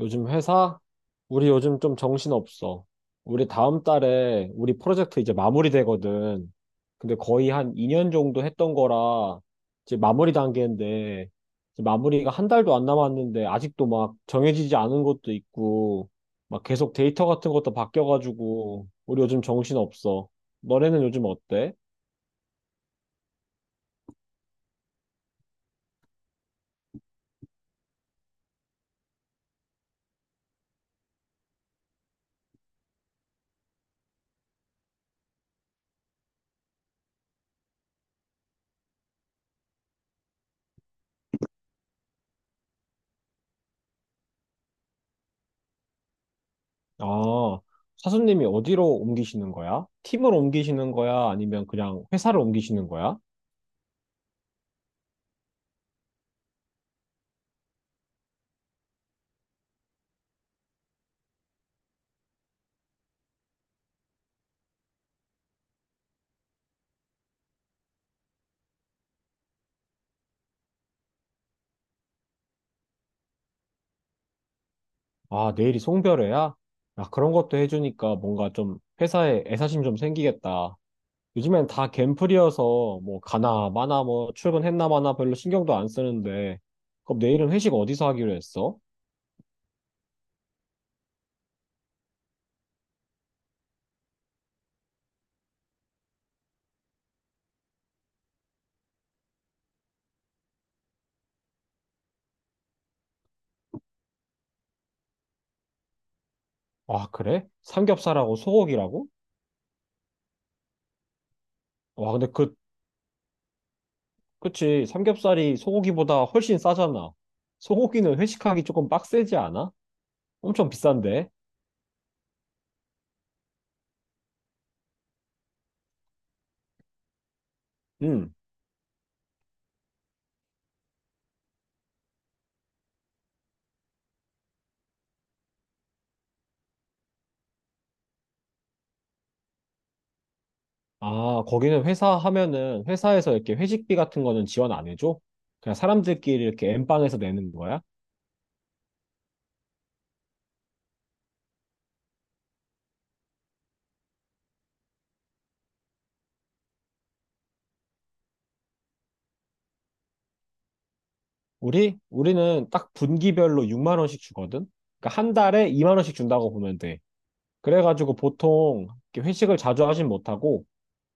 요즘 회사? 우리 요즘 좀 정신없어. 우리 다음 달에 우리 프로젝트 이제 마무리되거든. 근데 거의 한 2년 정도 했던 거라 이제 마무리 단계인데, 이제 마무리가 한 달도 안 남았는데 아직도 막 정해지지 않은 것도 있고 막 계속 데이터 같은 것도 바뀌어가지고 우리 요즘 정신없어. 너네는 요즘 어때? 아, 사수님이 어디로 옮기시는 거야? 팀을 옮기시는 거야? 아니면 그냥 회사를 옮기시는 거야? 아, 내일이 송별회야? 아, 그런 것도 해주니까 뭔가 좀 회사에 애사심 좀 생기겠다. 요즘엔 다 갠플이어서 뭐 가나 마나 뭐 출근했나 마나 별로 신경도 안 쓰는데, 그럼 내일은 회식 어디서 하기로 했어? 아, 그래? 삼겹살하고 소고기라고? 와, 근데 그치. 삼겹살이 소고기보다 훨씬 싸잖아. 소고기는 회식하기 조금 빡세지 않아? 엄청 비싼데? 응. 아, 거기는 회사 하면은 회사에서 이렇게 회식비 같은 거는 지원 안 해줘? 그냥 사람들끼리 이렇게 엠빵에서 내는 거야? 우리는 딱 분기별로 6만 원씩 주거든. 그러니까 한 달에 2만 원씩 준다고 보면 돼. 그래가지고 보통 이렇게 회식을 자주 하진 못하고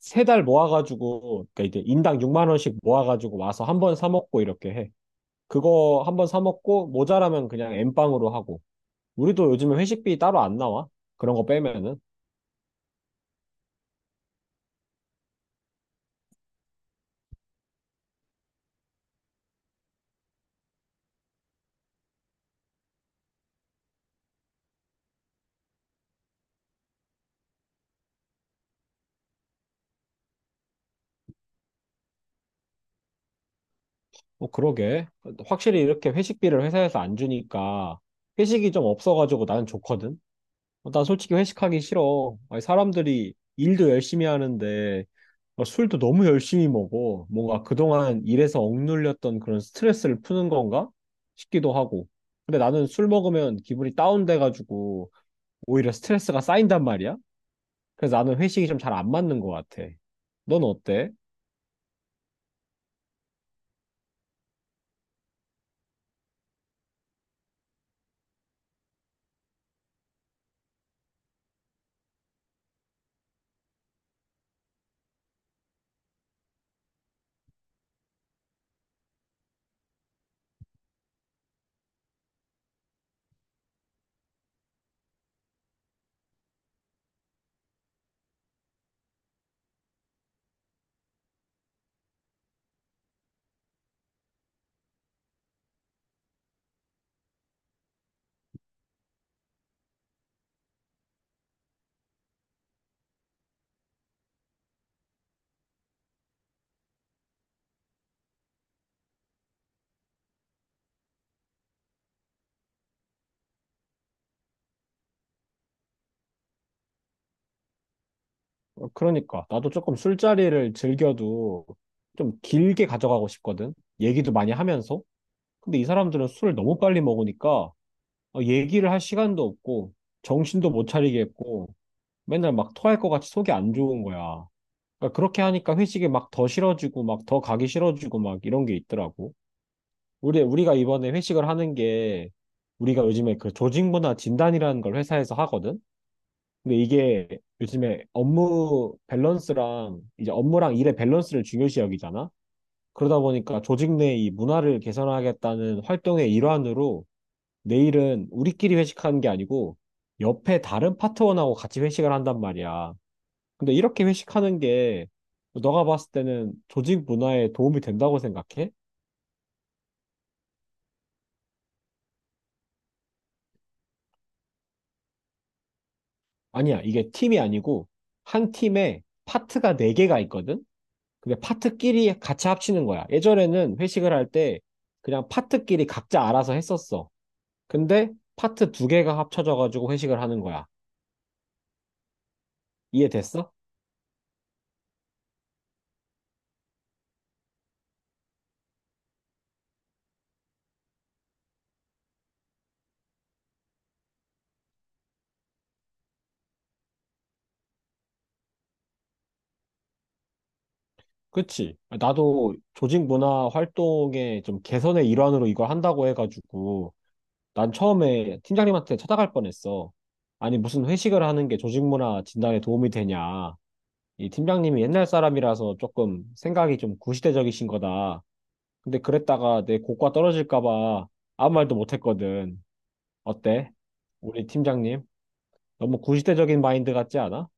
세 달 모아가지고, 그러니까 이제 인당 6만 원씩 모아가지고 와서 한번 사 먹고 이렇게 해. 그거 한번 사 먹고 모자라면 그냥 엠빵으로 하고. 우리도 요즘에 회식비 따로 안 나와. 그런 거 빼면은. 어, 그러게. 확실히 이렇게 회식비를 회사에서 안 주니까 회식이 좀 없어가지고 나는 좋거든. 어, 난 솔직히 회식하기 싫어. 아니, 사람들이 일도 열심히 하는데 어, 술도 너무 열심히 먹어. 뭔가 그동안 일에서 억눌렸던 그런 스트레스를 푸는 건가 싶기도 하고. 근데 나는 술 먹으면 기분이 다운돼가지고 오히려 스트레스가 쌓인단 말이야. 그래서 나는 회식이 좀 잘 안 맞는 것 같아. 넌 어때? 어, 그러니까 나도 조금 술자리를 즐겨도 좀 길게 가져가고 싶거든. 얘기도 많이 하면서. 근데 이 사람들은 술을 너무 빨리 먹으니까 어, 얘기를 할 시간도 없고 정신도 못 차리겠고 맨날 막 토할 것 같이 속이 안 좋은 거야. 그러니까 그렇게 하니까 회식이 막 더 싫어지고 막 더 가기 싫어지고 막 이런 게 있더라고. 우리가 이번에 회식을 하는 게, 우리가 요즘에 그 조직 문화 진단이라는 걸 회사에서 하거든. 근데 이게 요즘에 업무 밸런스랑 이제 업무랑 일의 밸런스를 중요시 여기잖아. 그러다 보니까 조직 내 이 문화를 개선하겠다는 활동의 일환으로 내일은 우리끼리 회식하는 게 아니고 옆에 다른 파트원하고 같이 회식을 한단 말이야. 근데 이렇게 회식하는 게 너가 봤을 때는 조직 문화에 도움이 된다고 생각해? 아니야. 이게 팀이 아니고 한 팀에 파트가 네개가 있거든? 그게 파트끼리 같이 합치는 거야. 예전에는 회식을 할 때 그냥 파트끼리 각자 알아서 했었어. 근데 파트 두 개가 합쳐져가지고 회식을 하는 거야. 이해됐어? 그치? 나도 조직 문화 활동의 좀 개선의 일환으로 이걸 한다고 해가지고 난 처음에 팀장님한테 찾아갈 뻔했어. 아니 무슨 회식을 하는 게 조직 문화 진단에 도움이 되냐. 이 팀장님이 옛날 사람이라서 조금 생각이 좀 구시대적이신 거다. 근데 그랬다가 내 고과 떨어질까봐 아무 말도 못했거든. 어때? 우리 팀장님? 너무 구시대적인 마인드 같지 않아?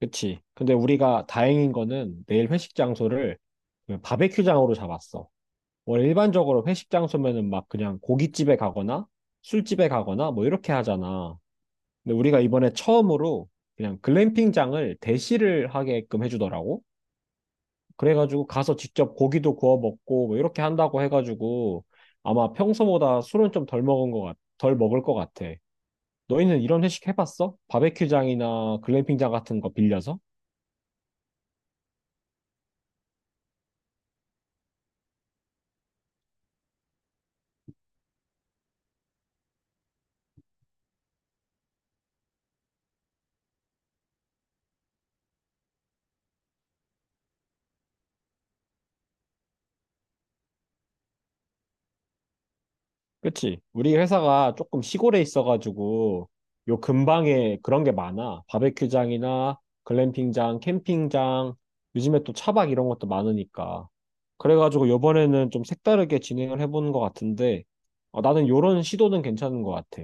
그치? 근데 우리가 다행인 거는 내일 회식 장소를 그냥 바베큐장으로 잡았어. 원래 일반적으로 회식 장소면은 막 그냥 고깃집에 가거나 술집에 가거나 뭐 이렇게 하잖아. 근데 우리가 이번에 처음으로 그냥 글램핑장을 대시를 하게끔 해주더라고. 그래가지고 가서 직접 고기도 구워 먹고 뭐 이렇게 한다고 해가지고 아마 평소보다 술은 좀 덜 먹을 것 같아. 너희는 이런 회식 해봤어? 바베큐장이나 글램핑장 같은 거 빌려서? 그치? 우리 회사가 조금 시골에 있어가지고 요 근방에 그런 게 많아. 바베큐장이나 글램핑장, 캠핑장, 요즘에 또 차박 이런 것도 많으니까. 그래가지고 요번에는 좀 색다르게 진행을 해보는 것 같은데 어, 나는 요런 시도는 괜찮은 것 같아.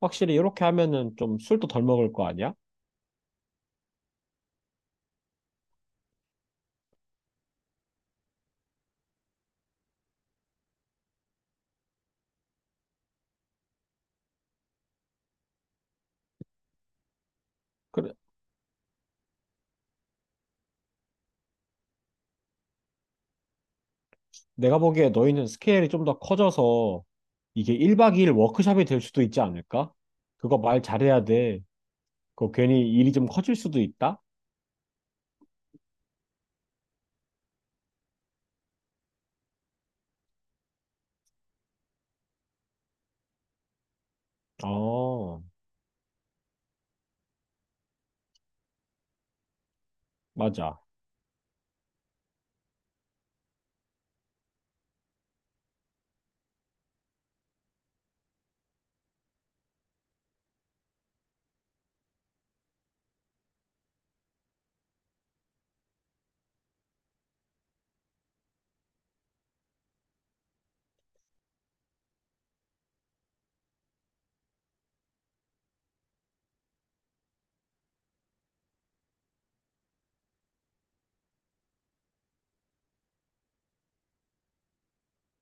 확실히 이렇게 하면은 좀 술도 덜 먹을 거 아니야? 그래, 내가 보기에 너희는 스케일이 좀 더 커져서 이게 1박 2일 워크숍이 될 수도 있지 않을까? 그거 말 잘해야 돼. 그거 괜히 일이 좀 커질 수도 있다? 어, 맞아.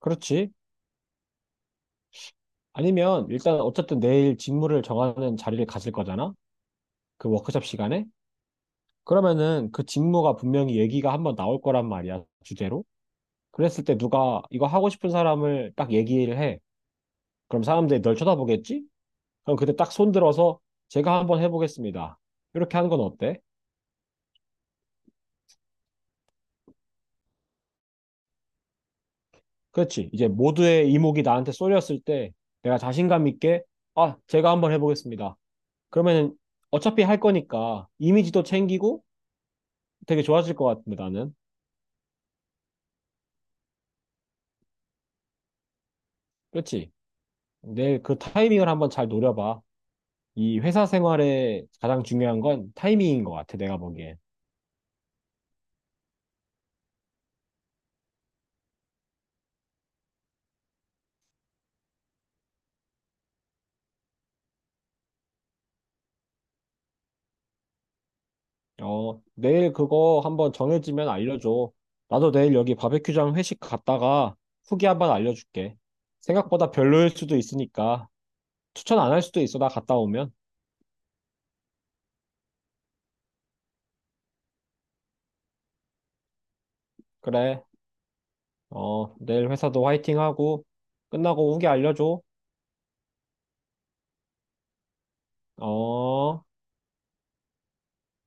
그렇지. 아니면 일단 어쨌든 내일 직무를 정하는 자리를 가질 거잖아? 그 워크숍 시간에? 그러면은 그 직무가 분명히 얘기가 한번 나올 거란 말이야, 주제로. 그랬을 때 누가 이거 하고 싶은 사람을 딱 얘기를 해. 그럼 사람들이 널 쳐다보겠지? 그럼 그때 딱 손들어서 제가 한번 해보겠습니다. 이렇게 하는 건 어때? 그렇지. 이제 모두의 이목이 나한테 쏠렸을 때 내가 자신감 있게 아, 제가 한번 해보겠습니다. 그러면은 어차피 할 거니까 이미지도 챙기고 되게 좋아질 것 같은데 나는. 그렇지. 내일 그 타이밍을 한번 잘 노려봐. 이 회사 생활에 가장 중요한 건 타이밍인 것 같아, 내가 보기엔. 어, 내일 그거 한번 정해지면 알려줘. 나도 내일 여기 바베큐장 회식 갔다가 후기 한번 알려줄게. 생각보다 별로일 수도 있으니까 추천 안 할 수도 있어, 나 갔다 오면. 그래. 어, 내일 회사도 화이팅 하고 끝나고 후기 알려줘. 어.